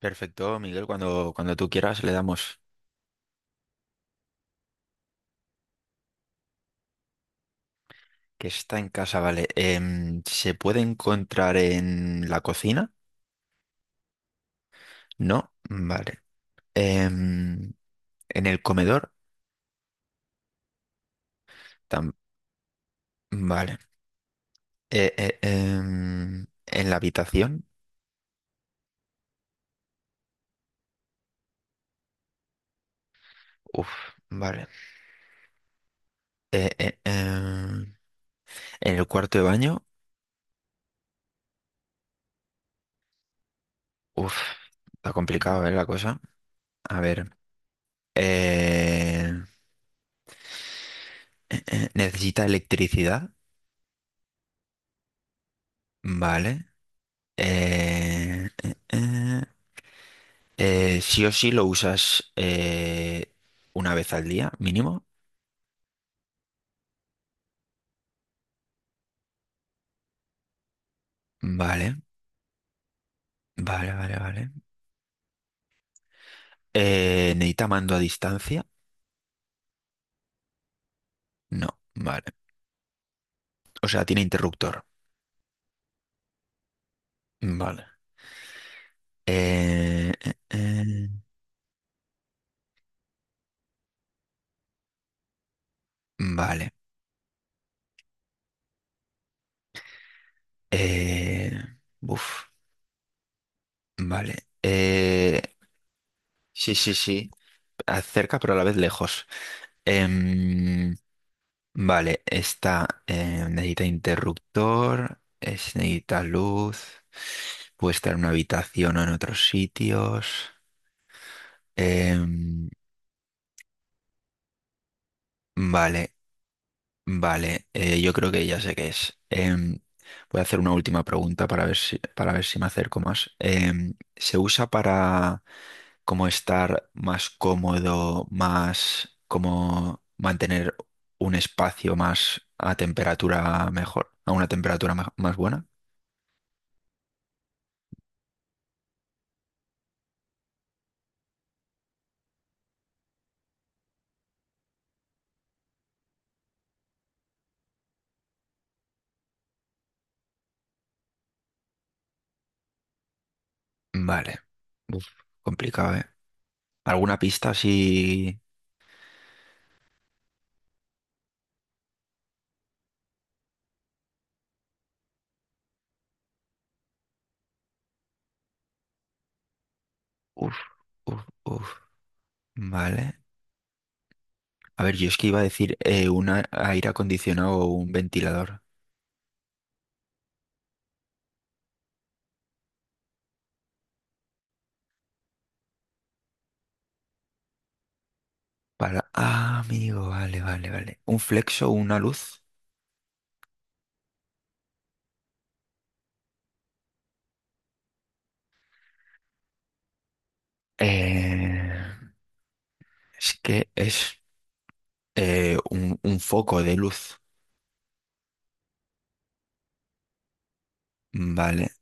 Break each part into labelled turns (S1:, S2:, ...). S1: Perfecto, Miguel, cuando tú quieras le damos que está en casa, vale. ¿Se puede encontrar en la cocina? No, vale. Em, ¿En el comedor? Tam- vale. ¿En la habitación? Uf, vale. Eh, eh, em, ¿En el cuarto de baño? Uf, está complicado, ¿eh, la cosa? A ver. eh, ¿Necesita electricidad? Vale. Eh, eh, eh. Sí o sí lo usas una vez al día, mínimo. Vale, vale, vale, vale. ¿Necesita mando a distancia? No, vale. O sea, tiene interruptor. Vale. Eh, eh, eh, vale. Eh, buf, vale. Sí, sí, sí. Cerca, pero a la vez lejos. Em, Vale, esta necesita interruptor, necesita luz, puede estar en una habitación o en otros sitios. Em, vale, vale, yo creo que ya sé qué es. Voy a hacer una última pregunta para ver si me acerco más. ¿Se usa para como estar más cómodo, más como mantener un espacio más a temperatura mejor, a una temperatura más buena? Vale. Uf, complicado, ¿eh? ¿Alguna pista así? Uf, uf, uf. Vale. A ver, yo es que iba a decir un aire acondicionado o un ventilador. Para. Ah, amigo, vale, vale, vale. ¿Un flexo o una luz? Eh, es que es un foco de luz. Vale.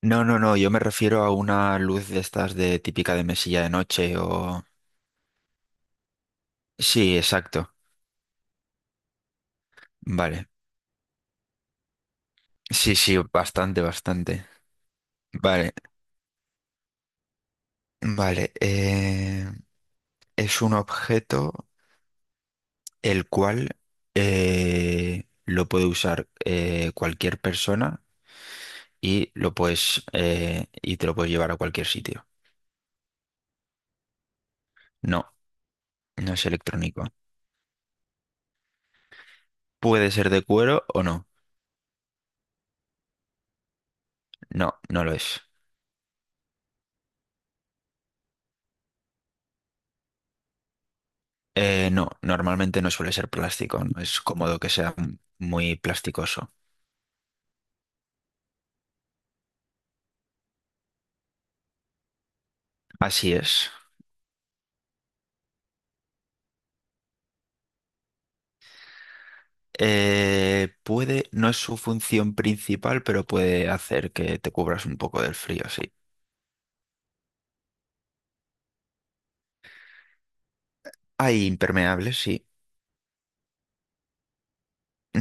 S1: No, no, no, yo me refiero a una luz de estas de típica de mesilla de noche o... Sí, exacto. Vale. Sí, sí, bastante, bastante. Vale. Vale, es un objeto el cual lo puede usar cualquier persona y lo puedes y te lo puedes llevar a cualquier sitio. No, no es electrónico. Puede ser de cuero o no. No, no lo es. No, normalmente no suele ser plástico. No es cómodo que sea muy plasticoso. Así es. Puede, no es su función principal, pero puede hacer que te cubras un poco del frío, sí. Hay impermeables, sí.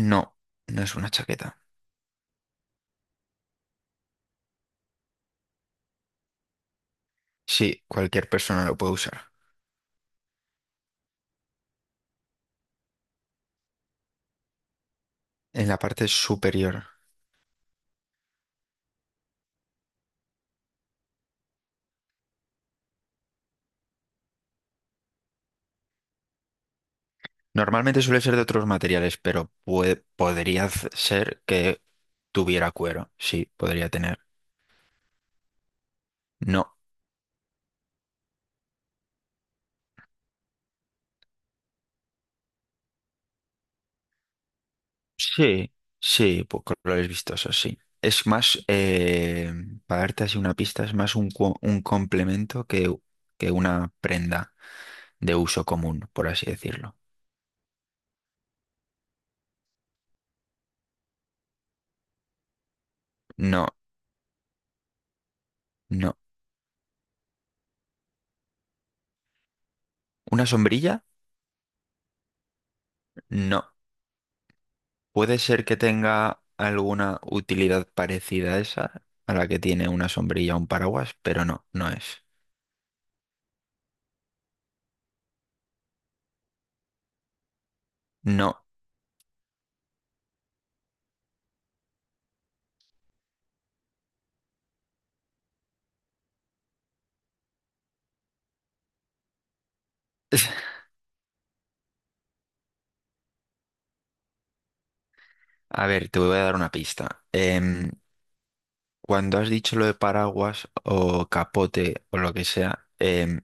S1: No, no es una chaqueta. Sí, cualquier persona lo puede usar. En la parte superior. Normalmente suele ser de otros materiales, pero puede, podría ser que tuviera cuero. Sí, podría tener. No. Sí, sí, pues colores vistosos, sí. Es más, para darte así una pista, es más un, un complemento que una prenda de uso común, por así decirlo. No, no. ¿Una sombrilla? No. Puede ser que tenga alguna utilidad parecida a esa, a la que tiene una sombrilla o un paraguas, pero no, no es. No. A ver, te voy a dar una pista. Cuando has dicho lo de paraguas o capote o lo que sea,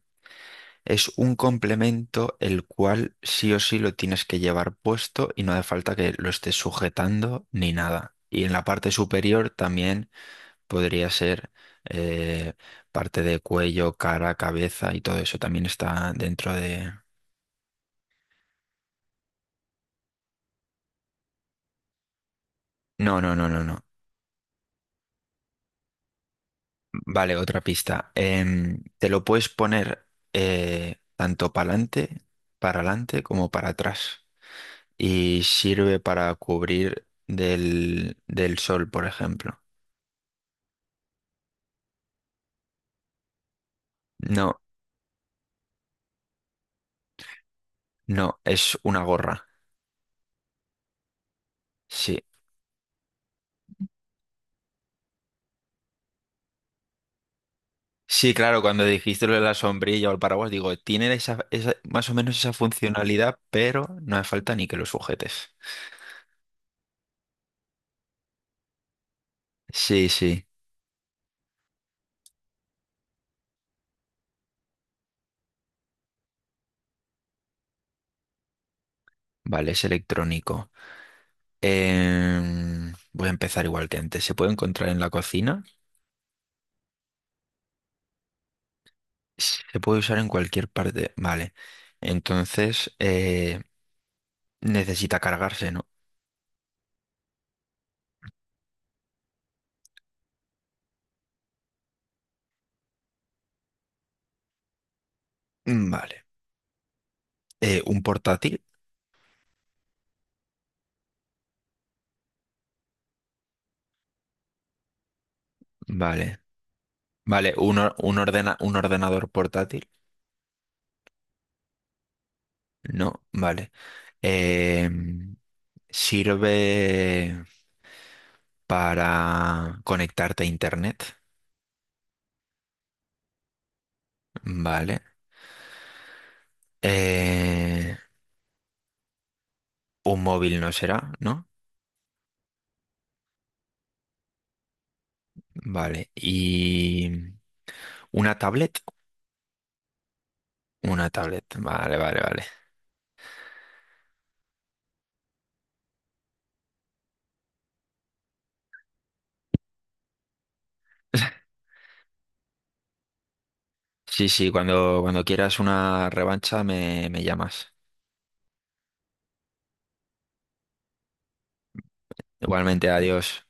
S1: es un complemento el cual sí o sí lo tienes que llevar puesto y no hace falta que lo estés sujetando ni nada. Y en la parte superior también podría ser eh, parte de cuello, cara, cabeza y todo eso también está dentro de... No, no, no, no, no. Vale, otra pista. Te lo puedes poner tanto para adelante como para atrás. Y sirve para cubrir del, del sol, por ejemplo. No, no, es una gorra. Sí. Sí, claro, cuando dijiste lo de la sombrilla o el paraguas, digo, tiene esa, esa- más o menos esa funcionalidad, pero no hace falta ni que lo sujetes. Sí, sí, vale, es electrónico. Voy a empezar igual que antes. ¿Se puede encontrar en la cocina? Se puede usar en cualquier parte. Vale, entonces necesita cargarse, ¿no? Mm, vale. ¿Un portátil? Vale. Vale, ¿un, un, un ordenador portátil? No, vale. Eh, Sirve para conectarte a internet, ¿vale? Eh, un móvil no será, ¿no? Vale. Y una tablet, una tablet, vale, vale, vale. Sí, sí, cuando quieras una revancha me, me llamas. Igualmente, adiós.